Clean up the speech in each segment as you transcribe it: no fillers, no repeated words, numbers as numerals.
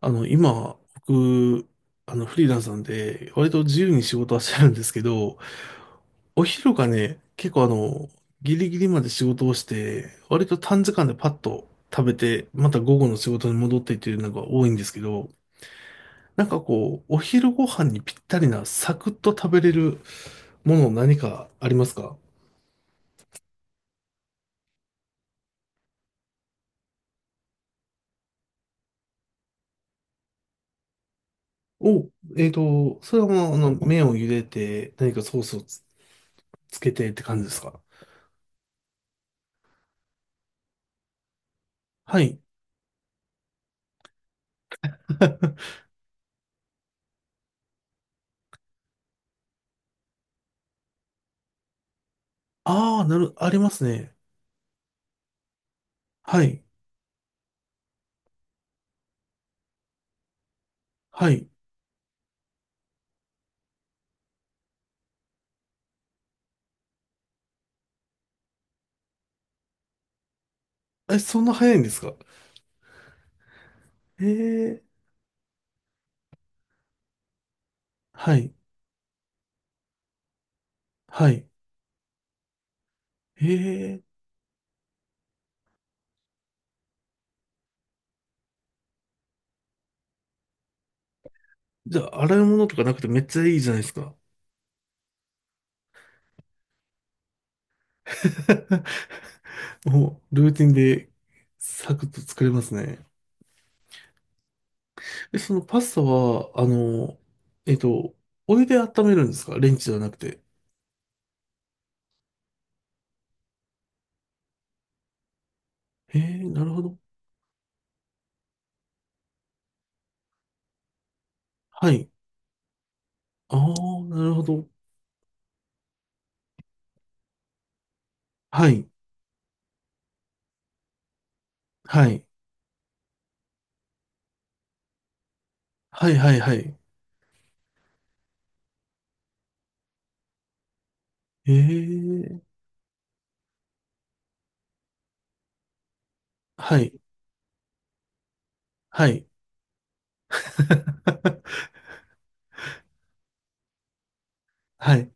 今、僕、フリーランスなんで、割と自由に仕事はしてるんですけど、お昼がね、結構、ギリギリまで仕事をして、割と短時間でパッと食べて、また午後の仕事に戻ってっていうのが多いんですけど、なんかこう、お昼ご飯にぴったりなサクッと食べれるもの何かありますか？お、それはもう、麺を茹でて、何かソースを、つけてって感じですか？はい。ああ、ありますね。はい。はい。え、そんな早いんですか？ええ。はい。はい。ええ。じゃあ、洗い物とかなくてめっちゃいいじゃないですか。もう、ルーティンで、サクッと作れますね。え、そのパスタは、えっと、お湯で温めるんですか？レンチじゃなくて。ええ、なるほど。はい。ああ、なるほど。はい。はい。はい、はい、はい。ええ。はい。はい。はい。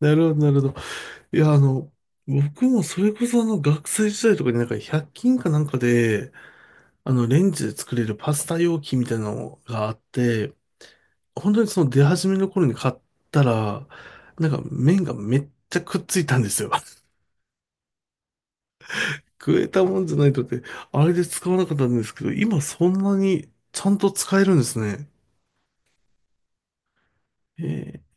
なるほど、なるほど。いや、あの、僕もそれこそあの学生時代とかになんか100均かなんかで、あのレンジで作れるパスタ容器みたいなのがあって、本当にその出始めの頃に買ったら、なんか麺がめっちゃくっついたんですよ。食えたもんじゃないとって、あれで使わなかったんですけど、今そんなにちゃんと使えるんですね。えー、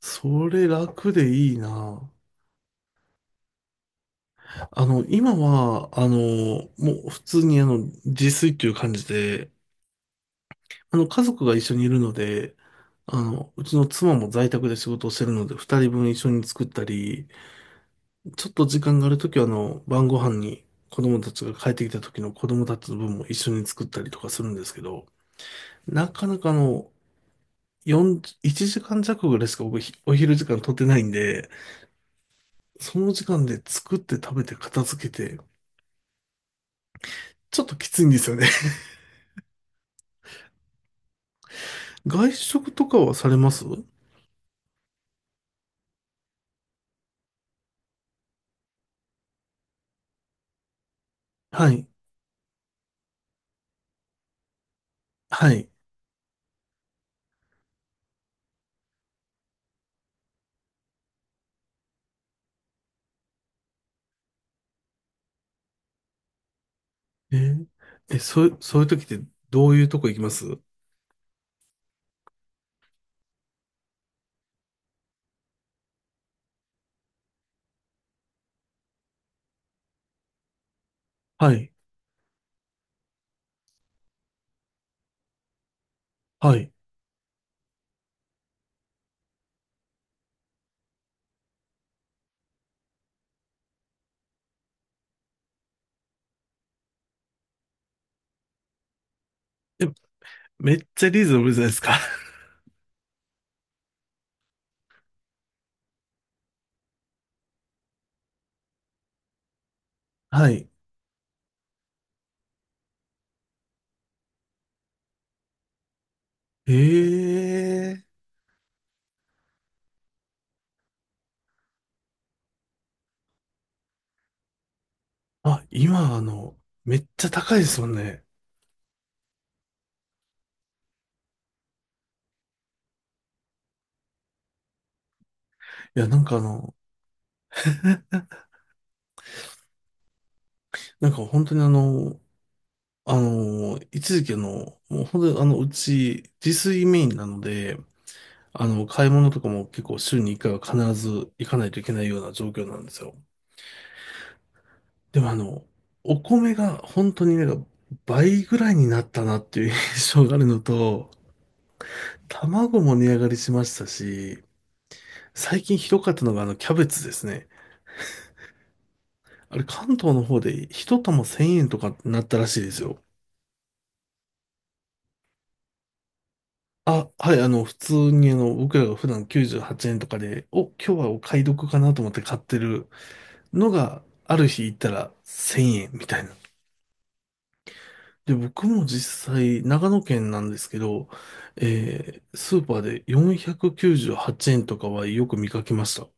それ楽でいいな。今は、もう普通に自炊っていう感じで、家族が一緒にいるので、あの、うちの妻も在宅で仕事をしてるので、二人分一緒に作ったり、ちょっと時間があるときは、あの、晩ご飯に子供たちが帰ってきた時の子供たちの分も一緒に作ったりとかするんですけど、なかなかあの、4、1時間弱ぐらいしか僕ひお昼時間取ってないんで、その時間で作って食べて片付けて、ちょっときついんですよね。外食とかはされますはい。はい。えー。え、そういう時ってどういうとこ行きますはい。はい。え、めっちゃリーズムじゃないですか。はい。ええ。あ、今、あの、めっちゃ高いですもんね。いや、なんかあの、なんか本当にあの、一時期、もう本当にあの、うち、自炊メインなので、あの、買い物とかも結構週に1回は必ず行かないといけないような状況なんですよ。でもあの、お米が本当になんか倍ぐらいになったなっていう印象があるのと、卵も値上がりしましたし、最近ひどかったのがあのキャベツですね。あれ関東の方で一玉1000円とかなったらしいですよ。あ、はい、普通に僕らが普段98円とかで、お、今日はお買い得かなと思って買ってるのが、ある日行ったら1000円みたいな。で、僕も実際、長野県なんですけど、えースーパーで498円とかはよく見かけました。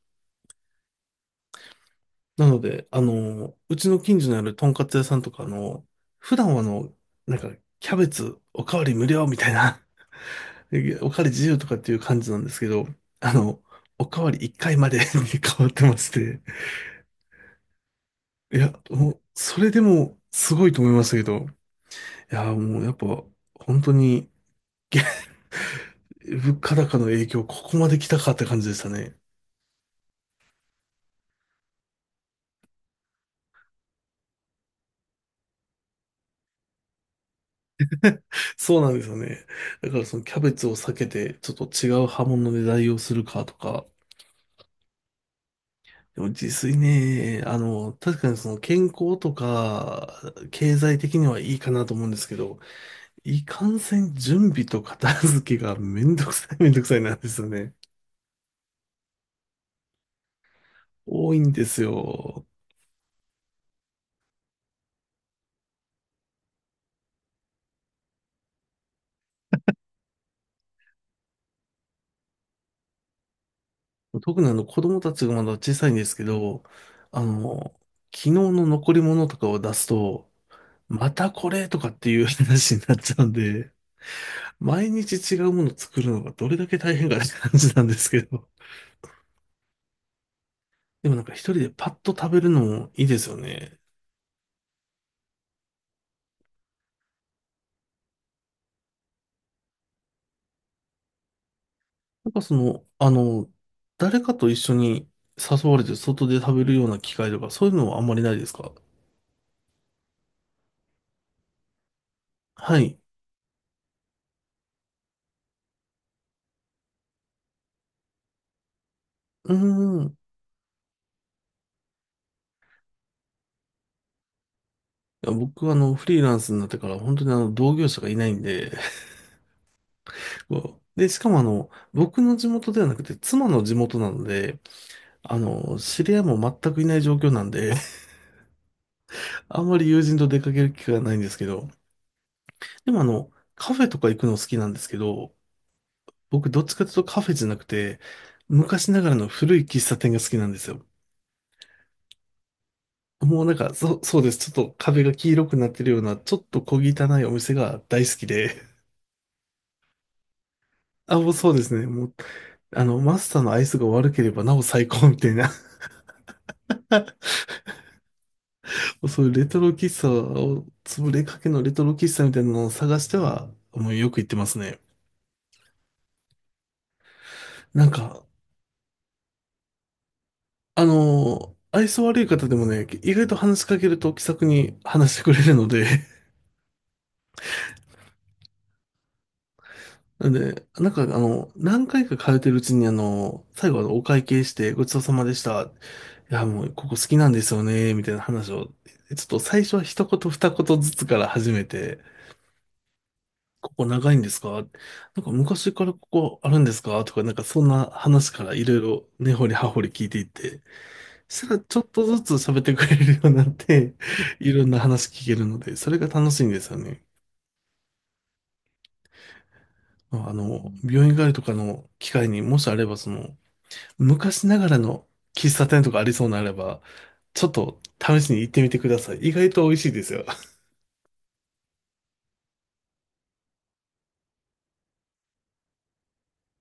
なので、あの、うちの近所にあるとんかつ屋さんとか、あの、普段はあの、なんか、キャベツおかわり無料みたいな、おかわり自由とかっていう感じなんですけど、あの、おかわり1回まで に変わってまして、いや、もう、それでもすごいと思いましたけど、いや、もうやっぱ、本当に、物価高の影響、ここまで来たかって感じでしたね。そうなんですよね。だからそのキャベツを避けて、ちょっと違う刃物で代用するかとか、でも自炊ね、あの、確かにその健康とか、経済的にはいいかなと思うんですけど、いかんせん準備と片付けがめんどくさいめんどくさいなんですよね。多いんですよ。特にあの子供たちがまだ小さいんですけど、あの、昨日の残り物とかを出すと、またこれとかっていう話になっちゃうんで、毎日違うもの作るのがどれだけ大変かって感じなんですけど。でもなんか一人でパッと食べるのもいいですよね。なんかその、あの、誰かと一緒に誘われて外で食べるような機会とか、そういうのはあんまりないですか？はい。うーん。いや、僕はあの、フリーランスになってから本当にあの、同業者がいないんで、こうで、しかもあの、僕の地元ではなくて、妻の地元なので、あの、知り合いも全くいない状況なんで、あんまり友人と出かける機会がないんですけど、でもあの、カフェとか行くの好きなんですけど、僕どっちかというとカフェじゃなくて、昔ながらの古い喫茶店が好きなんですよ。もうなんか、そうです。ちょっと壁が黄色くなってるような、ちょっと小汚いお店が大好きで。あ、もうそうですね。もう、あの、マスターのアイスが悪ければなお最高みたいな。そういうレトロ喫茶を、潰れかけのレトロ喫茶みたいなのを探しては、もうよく行ってますね。なんか、愛想悪い方でもね、意外と話しかけると気さくに話してくれるので、なんで、なんか、あの、何回か通ってるうちに、あの、最後、あのお会計して、ごちそうさまでした。いや、もう、ここ好きなんですよね、みたいな話を、ちょっと最初は一言二言ずつから始めて、ここ長いんですか？なんか昔からここあるんですかとか、なんかそんな話からいろいろ根掘り葉掘り聞いていって、そしたらちょっとずつ喋ってくれるようになって、いろんな話聞けるので、それが楽しいんですよね。まああの、病院帰りとかの機会にもしあれば、その、昔ながらの喫茶店とかありそうならば、ちょっと試しに行ってみてください。意外と美味しいですよ。